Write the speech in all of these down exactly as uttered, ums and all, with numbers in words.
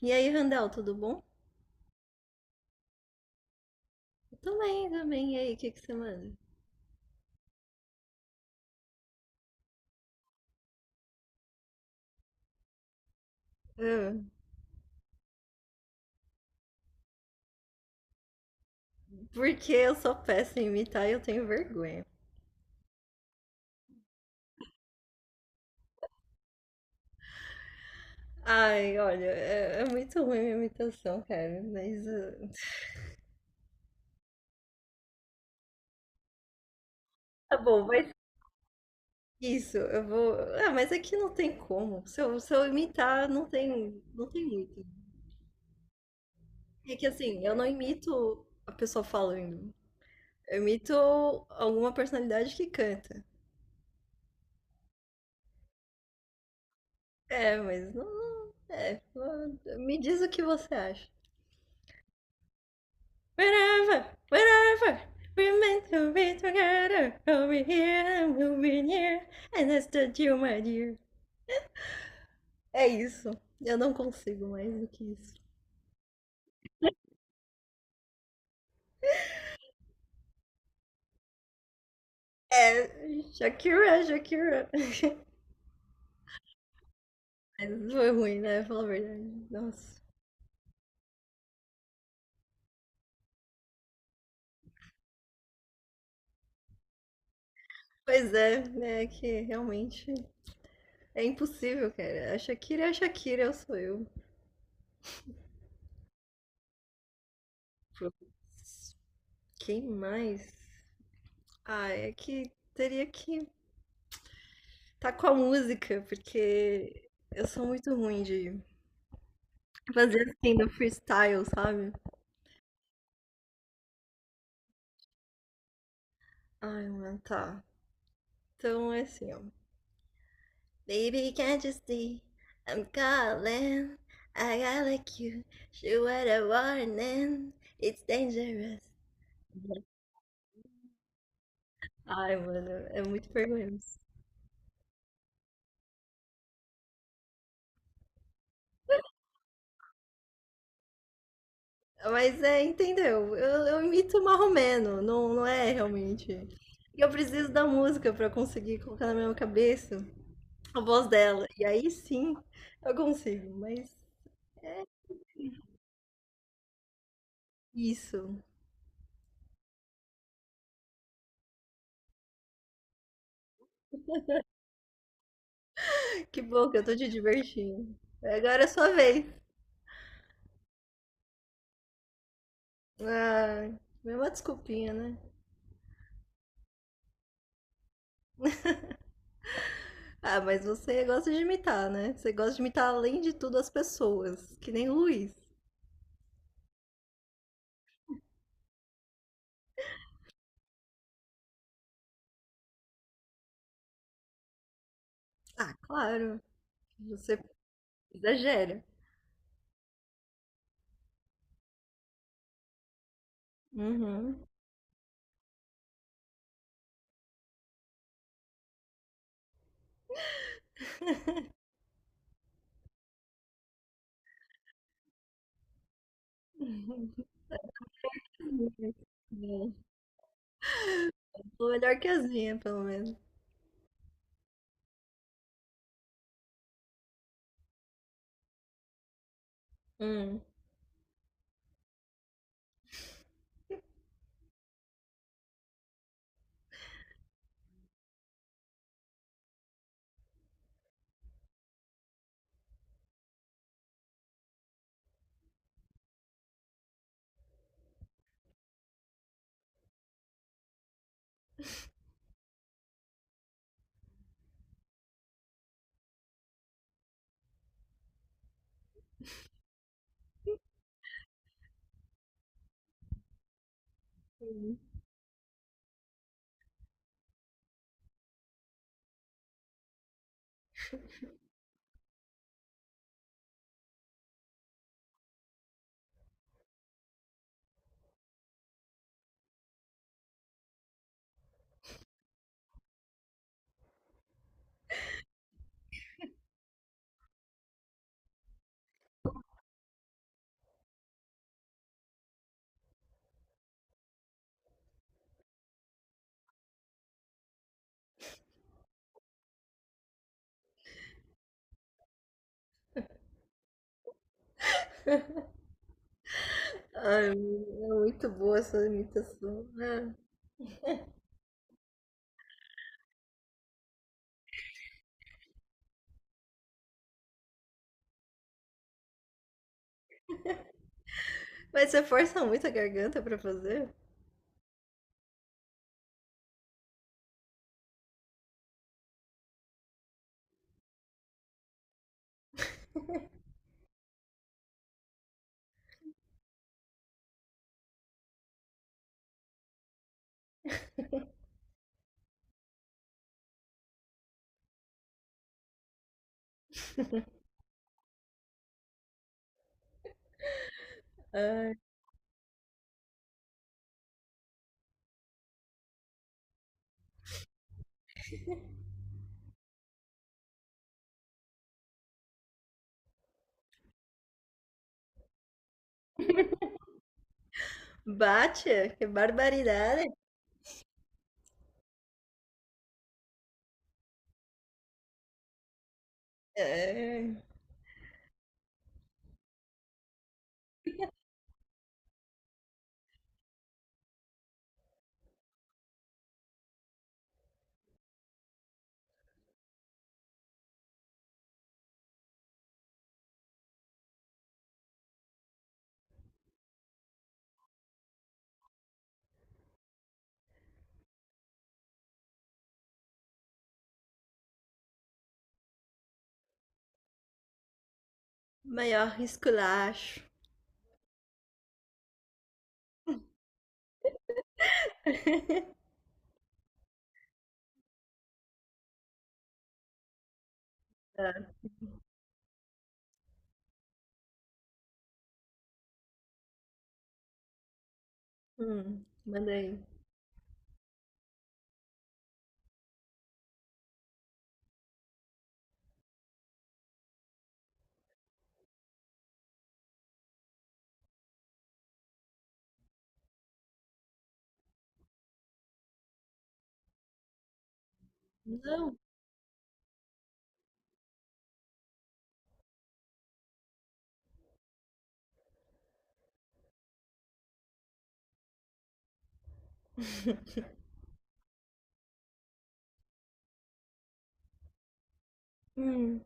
E aí, Randall, tudo bom? Eu também, também. E aí, o que que você manda? Ah, porque eu sou péssima em imitar e eu tenho vergonha. Ai, olha, é, é muito ruim minha imitação, cara. Mas ah, tá bom, mas isso, eu vou. Ah, mas aqui não tem como. Se eu, se eu imitar, não tem, não tem muito. É que assim, eu não imito a pessoa falando. Eu imito alguma personalidade que canta. É, mas não. É, me diz o que você acha. Wherever, wherever, we're meant to be together. We'll be here and we'll be near. And that's the deal, my dear. É isso. Eu não consigo mais do que isso. É. Shakira, Shakira. Mas foi ruim, né? Fala a verdade. Nossa. Pois é, né? É que realmente é impossível, cara. A Shakira é a Shakira, eu sou eu. Quem mais? Ah, é que teria que tá com a música, porque eu sou muito ruim de fazer assim no freestyle, sabe? Ai, mano, tá. Então é assim, ó. Baby, can't you see? I'm calling. I got like you. She what a warning. It's dangerous. Ai, mano, é muito vergonhoso. Mas é, entendeu? Eu, eu imito marromeno, não, não é realmente. E eu preciso da música pra conseguir colocar na minha cabeça a voz dela. E aí sim eu consigo, mas isso. Que bom que eu tô te divertindo. Agora é sua vez. Ah, mesma desculpinha, né? Ah, mas você gosta de imitar, né? Você gosta de imitar, além de tudo, as pessoas. Que nem o Luiz. Ah, claro. Você exagera. Uhum. Bom, tô melhor que as minhas, pelo menos. Hum. Hum. Ai, é muito boa essa imitação. Ah. Mas você força muito a garganta pra fazer? Ai. Bate, que barbaridade. É. Maior esculacho. Tá. Hum, manda aí. Não. Hum.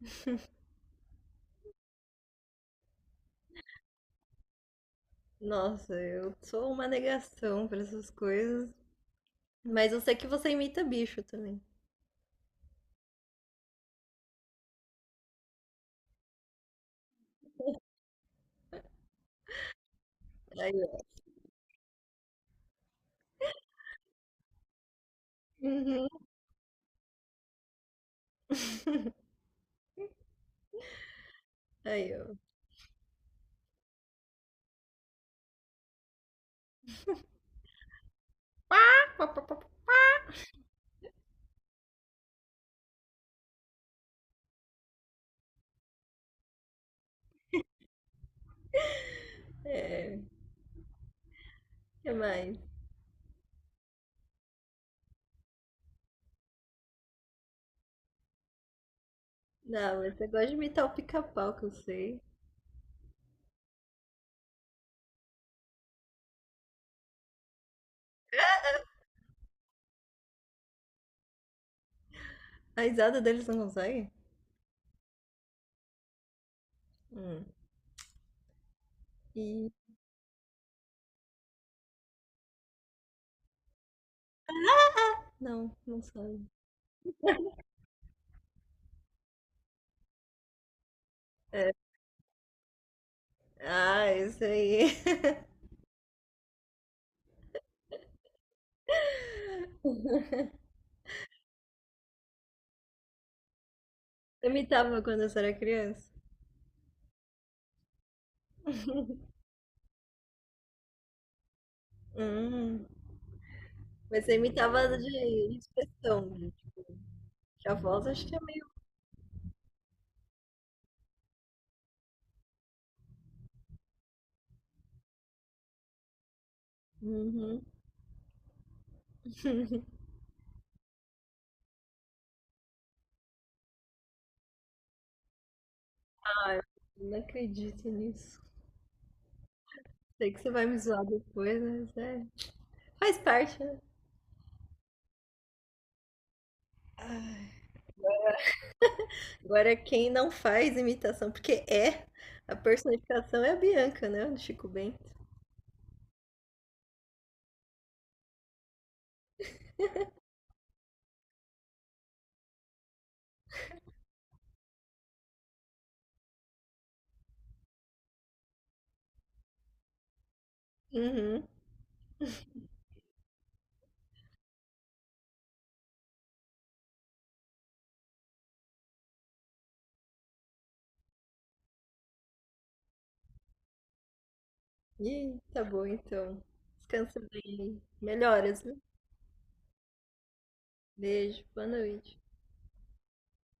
Nossa, eu sou uma negação para essas coisas. Mas eu sei que você imita bicho também. Aí, ó. Uhum. Aí, ó. É. O que mais? Não, mas você gosta de imitar o pica-pau, que eu sei. A risada deles não consegue? Hum. E. Não, não sabe. É. Ah, isso aí. Eu imitava quando eu era criança. Hum. Mas você imitava de expressão, gente. Que a voz acho que é meio. Uhum. Ai, eu não acredito nisso. Sei que você vai me zoar depois, mas é. Faz parte, né? Agora, quem não faz imitação, porque é, a personificação é a Bianca, né? Do Chico Bento. Uhum. E tá bom, então. Descansa bem. Melhoras, viu? Beijo, boa noite.